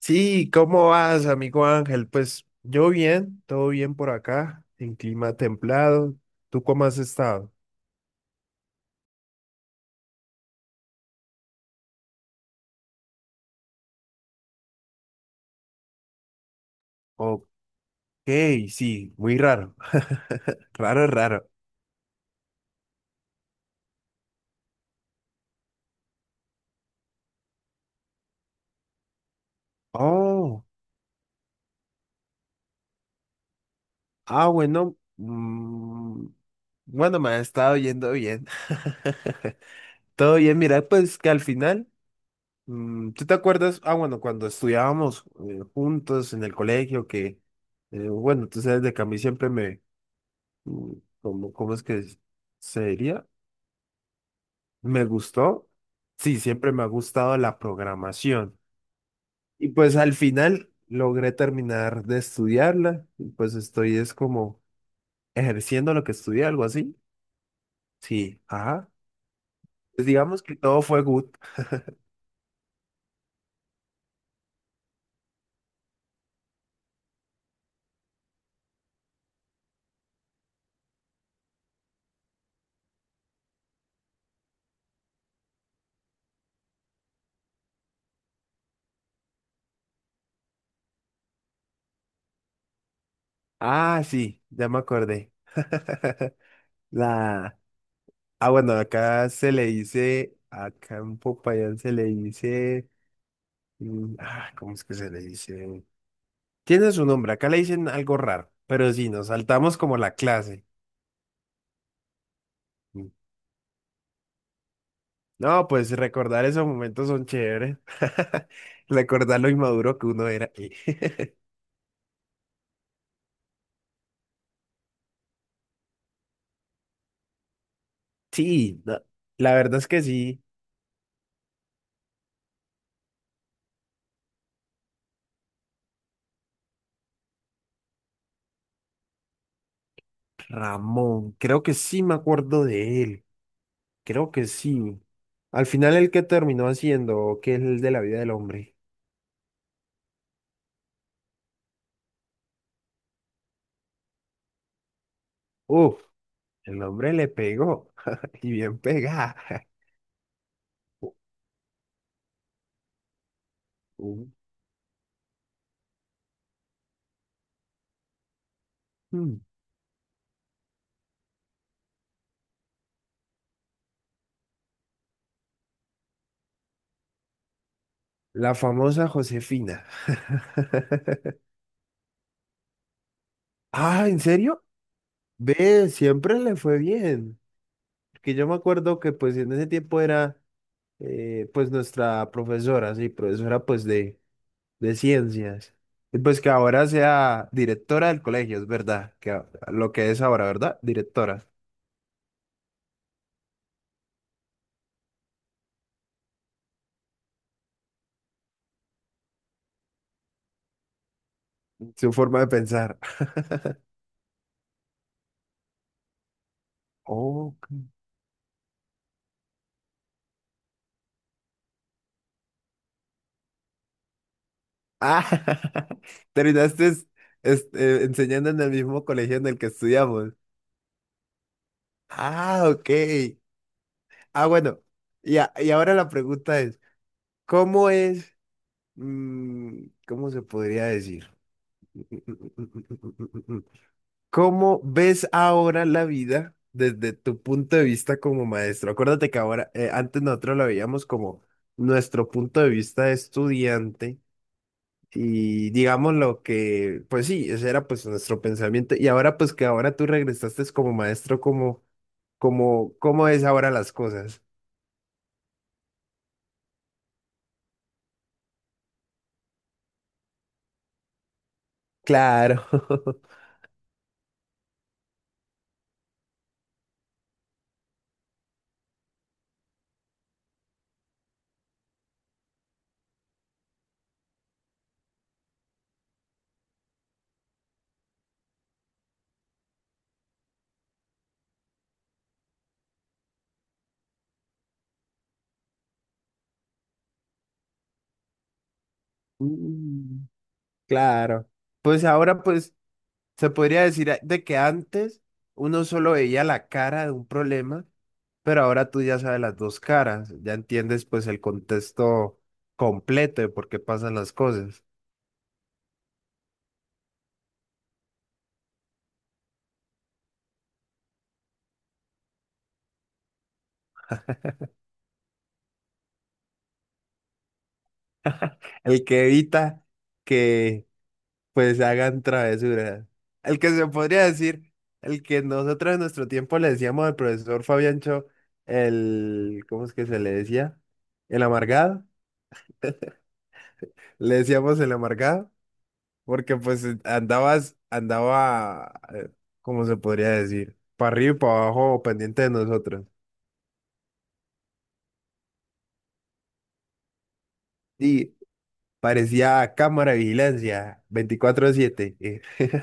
Sí, ¿cómo vas, amigo Ángel? Pues yo bien, todo bien por acá, en clima templado. ¿Tú cómo has estado? Ok, sí, muy raro. Raro, raro. Oh, bueno. Bueno, me ha estado yendo bien. Todo bien, mira, pues que al final, ¿tú te acuerdas? Ah, bueno, cuando estudiábamos juntos en el colegio, que, bueno, tú sabes de que a mí siempre me, mm, ¿cómo es que sería? Me gustó. Sí, siempre me ha gustado la programación. Y pues al final logré terminar de estudiarla. Y pues estoy es como ejerciendo lo que estudié, algo así. Sí, ajá. Pues digamos que todo fue good. Ah, sí, ya me acordé. La... Ah, bueno, acá se le dice, acá en Popayán se le dice, ¿cómo es que se le dice? Tiene su nombre, acá le dicen algo raro, pero sí, nos saltamos como la clase. No, pues recordar esos momentos son chéveres. Recordar lo inmaduro que uno era. Sí, no, la verdad es que sí. Ramón, creo que sí me acuerdo de él. Creo que sí. Al final, el que terminó haciendo, que es el de la vida del hombre. Uf, el hombre le pegó. Y bien pegada. Uh, uh, mm. La famosa Josefina. Ah, ¿en serio? Ve, siempre le fue bien. Que yo me acuerdo que pues en ese tiempo era pues nuestra profesora, sí, profesora pues de ciencias. Y pues que ahora sea directora del colegio, es verdad, que lo que es ahora, ¿verdad? Directora, su forma de pensar. Oh, ah, terminaste enseñando en el mismo colegio en el que estudiamos. Ah, ok. Ah, bueno. Y ahora la pregunta es, ¿cómo es, cómo se podría decir? ¿Cómo ves ahora la vida desde tu punto de vista como maestro? Acuérdate que ahora, antes nosotros la veíamos como nuestro punto de vista de estudiante y digamos lo que, pues sí, ese era pues nuestro pensamiento y ahora pues que ahora tú regresaste es como maestro, ¿cómo es ahora las cosas? Claro. Mm, claro. Pues ahora pues. Se podría decir de que antes uno solo veía la cara de un problema, pero ahora tú ya sabes las dos caras, ya entiendes pues el contexto completo de por qué pasan las cosas. El que evita que pues hagan travesuras. El que se podría decir, el que nosotros en nuestro tiempo le decíamos al profesor Fabiancho el, ¿cómo es que se le decía? El amargado. Le decíamos el amargado. Porque pues andabas, andaba, ¿cómo se podría decir? Para arriba y para abajo, pendiente de nosotros. Sí, parecía cámara de vigilancia, veinticuatro siete.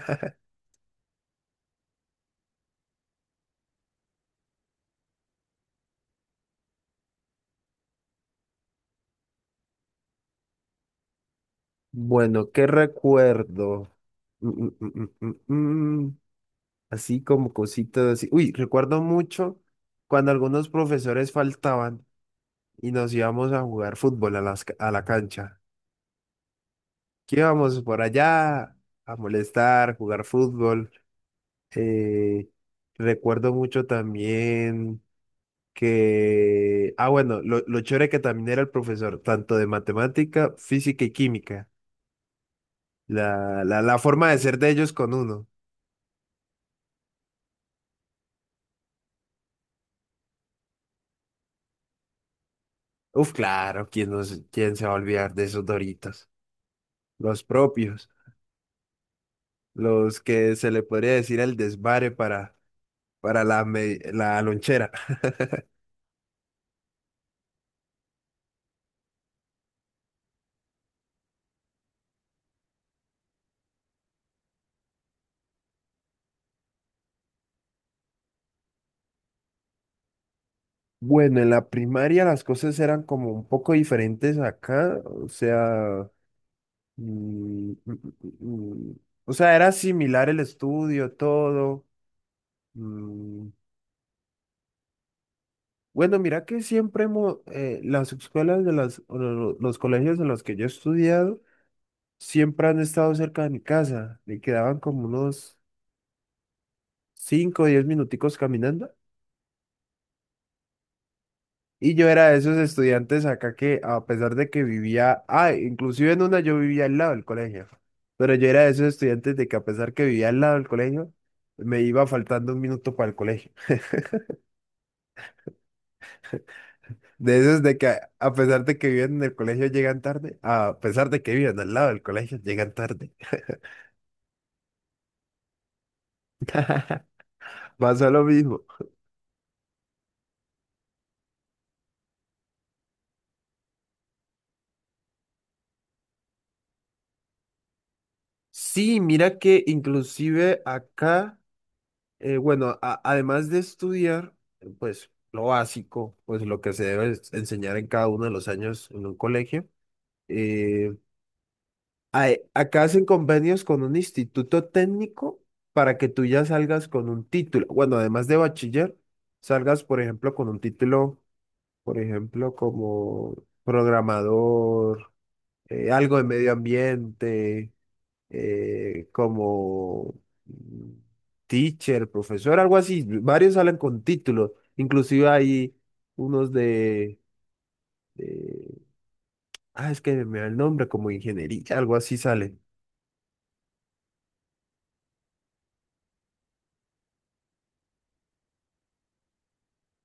Bueno, ¿qué recuerdo? Mm, mm, mm, mm, mm, mm. mm. Así como cositas así. Uy, recuerdo mucho cuando algunos profesores faltaban y nos íbamos a jugar fútbol a la cancha. Que íbamos por allá a molestar, jugar fútbol. Eh, recuerdo mucho también que, bueno, lo chévere que también era el profesor, tanto de matemática, física y química, la forma de ser de ellos con uno. Uf, claro, ¿quién, no se- quién se va a olvidar de esos Doritos? Los propios, los que se le podría decir el desvare para la lonchera. Bueno, en la primaria las cosas eran como un poco diferentes acá, o sea. Mm, mm, mm, mm. O sea, era similar el estudio, todo. Mm, Bueno, mira que siempre hemos, las escuelas de las, o lo- los colegios en los que yo he estudiado, siempre han estado cerca de mi casa. Me quedaban como unos 5, o 10 minuticos caminando. Y yo era de esos estudiantes acá que, a pesar de que vivía, inclusive en una yo vivía al lado del colegio. Pero yo era de esos estudiantes de que a pesar que vivía al lado del colegio, me iba faltando un minuto para el colegio. De esos de que a pesar de que viven en el colegio llegan tarde, a pesar de que viven al lado del colegio llegan tarde. Pasa lo mismo. Sí, mira que inclusive acá, bueno, además de estudiar, pues lo básico, pues lo que se debe enseñar en cada uno de los años en un colegio, eh, acá hacen convenios con un instituto técnico para que tú ya salgas con un título. Bueno, además de bachiller, salgas, por ejemplo, con un título por ejemplo, como programador, algo de medio ambiente, como mm, teacher, profesor, algo así. Varios salen con títulos, inclusive hay unos de- es que me da el nombre, como ingeniería, algo así sale.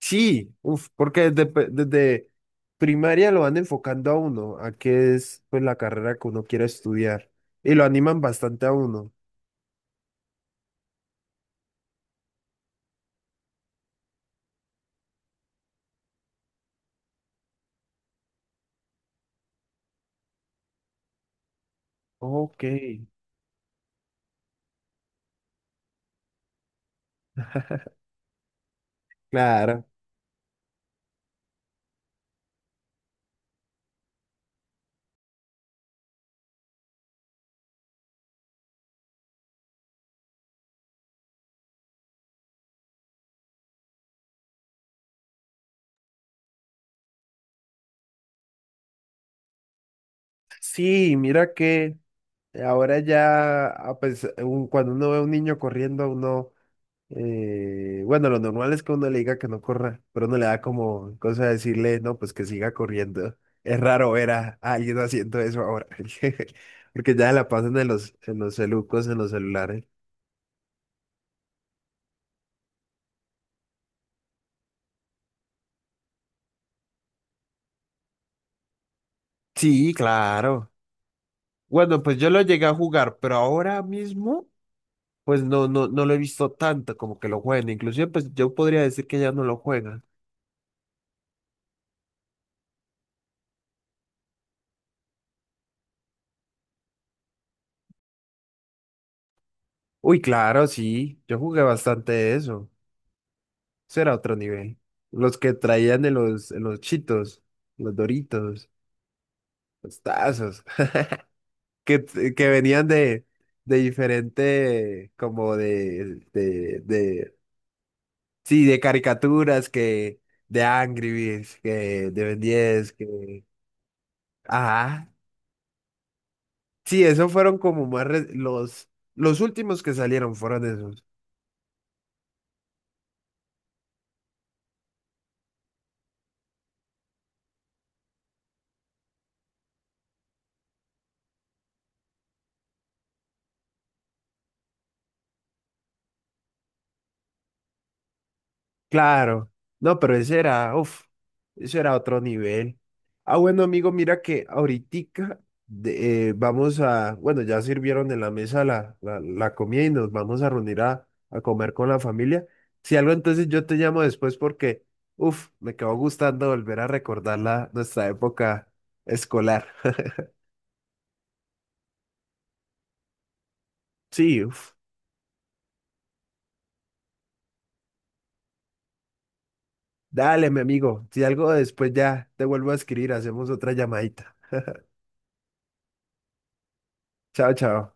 Sí, uf, porque desde primaria lo van enfocando a uno, a qué es pues la carrera que uno quiere estudiar, y lo animan bastante a uno. Ok. Claro. Sí, mira que ahora ya, cuando uno ve a un niño corriendo, uno, bueno, lo normal es que uno le diga que no corra, pero uno le da como cosa de decirle, no, pues que siga corriendo. Es raro ver a alguien haciendo eso ahora, porque ya la pasan en los celucos, en los celulares. Sí, claro. Bueno, pues yo lo llegué a jugar, pero ahora mismo, pues no, no, no lo he visto tanto como que lo juegan. Inclusive, pues yo podría decir que ya no lo juegan. Uy, claro, sí. Yo jugué bastante de eso. Eso era otro nivel. Los que traían en los chitos, los Doritos, los tazos, que, que venían de diferente, como sí, de caricaturas, que de Angry Birds, que de Ben 10, Ajá. Sí, esos fueron como los últimos que salieron fueron esos. Claro, no, pero ese era, uff, eso era otro nivel. Ah, bueno, amigo, mira que ahoritica vamos a, bueno, ya sirvieron en la mesa la comida y nos vamos a reunir a comer con la familia. Si algo, entonces yo te llamo después porque, uff, me quedó gustando volver a recordar nuestra época escolar. Sí, uff, dale, mi amigo, si algo después ya te vuelvo a escribir, hacemos otra llamadita. Chao, chao.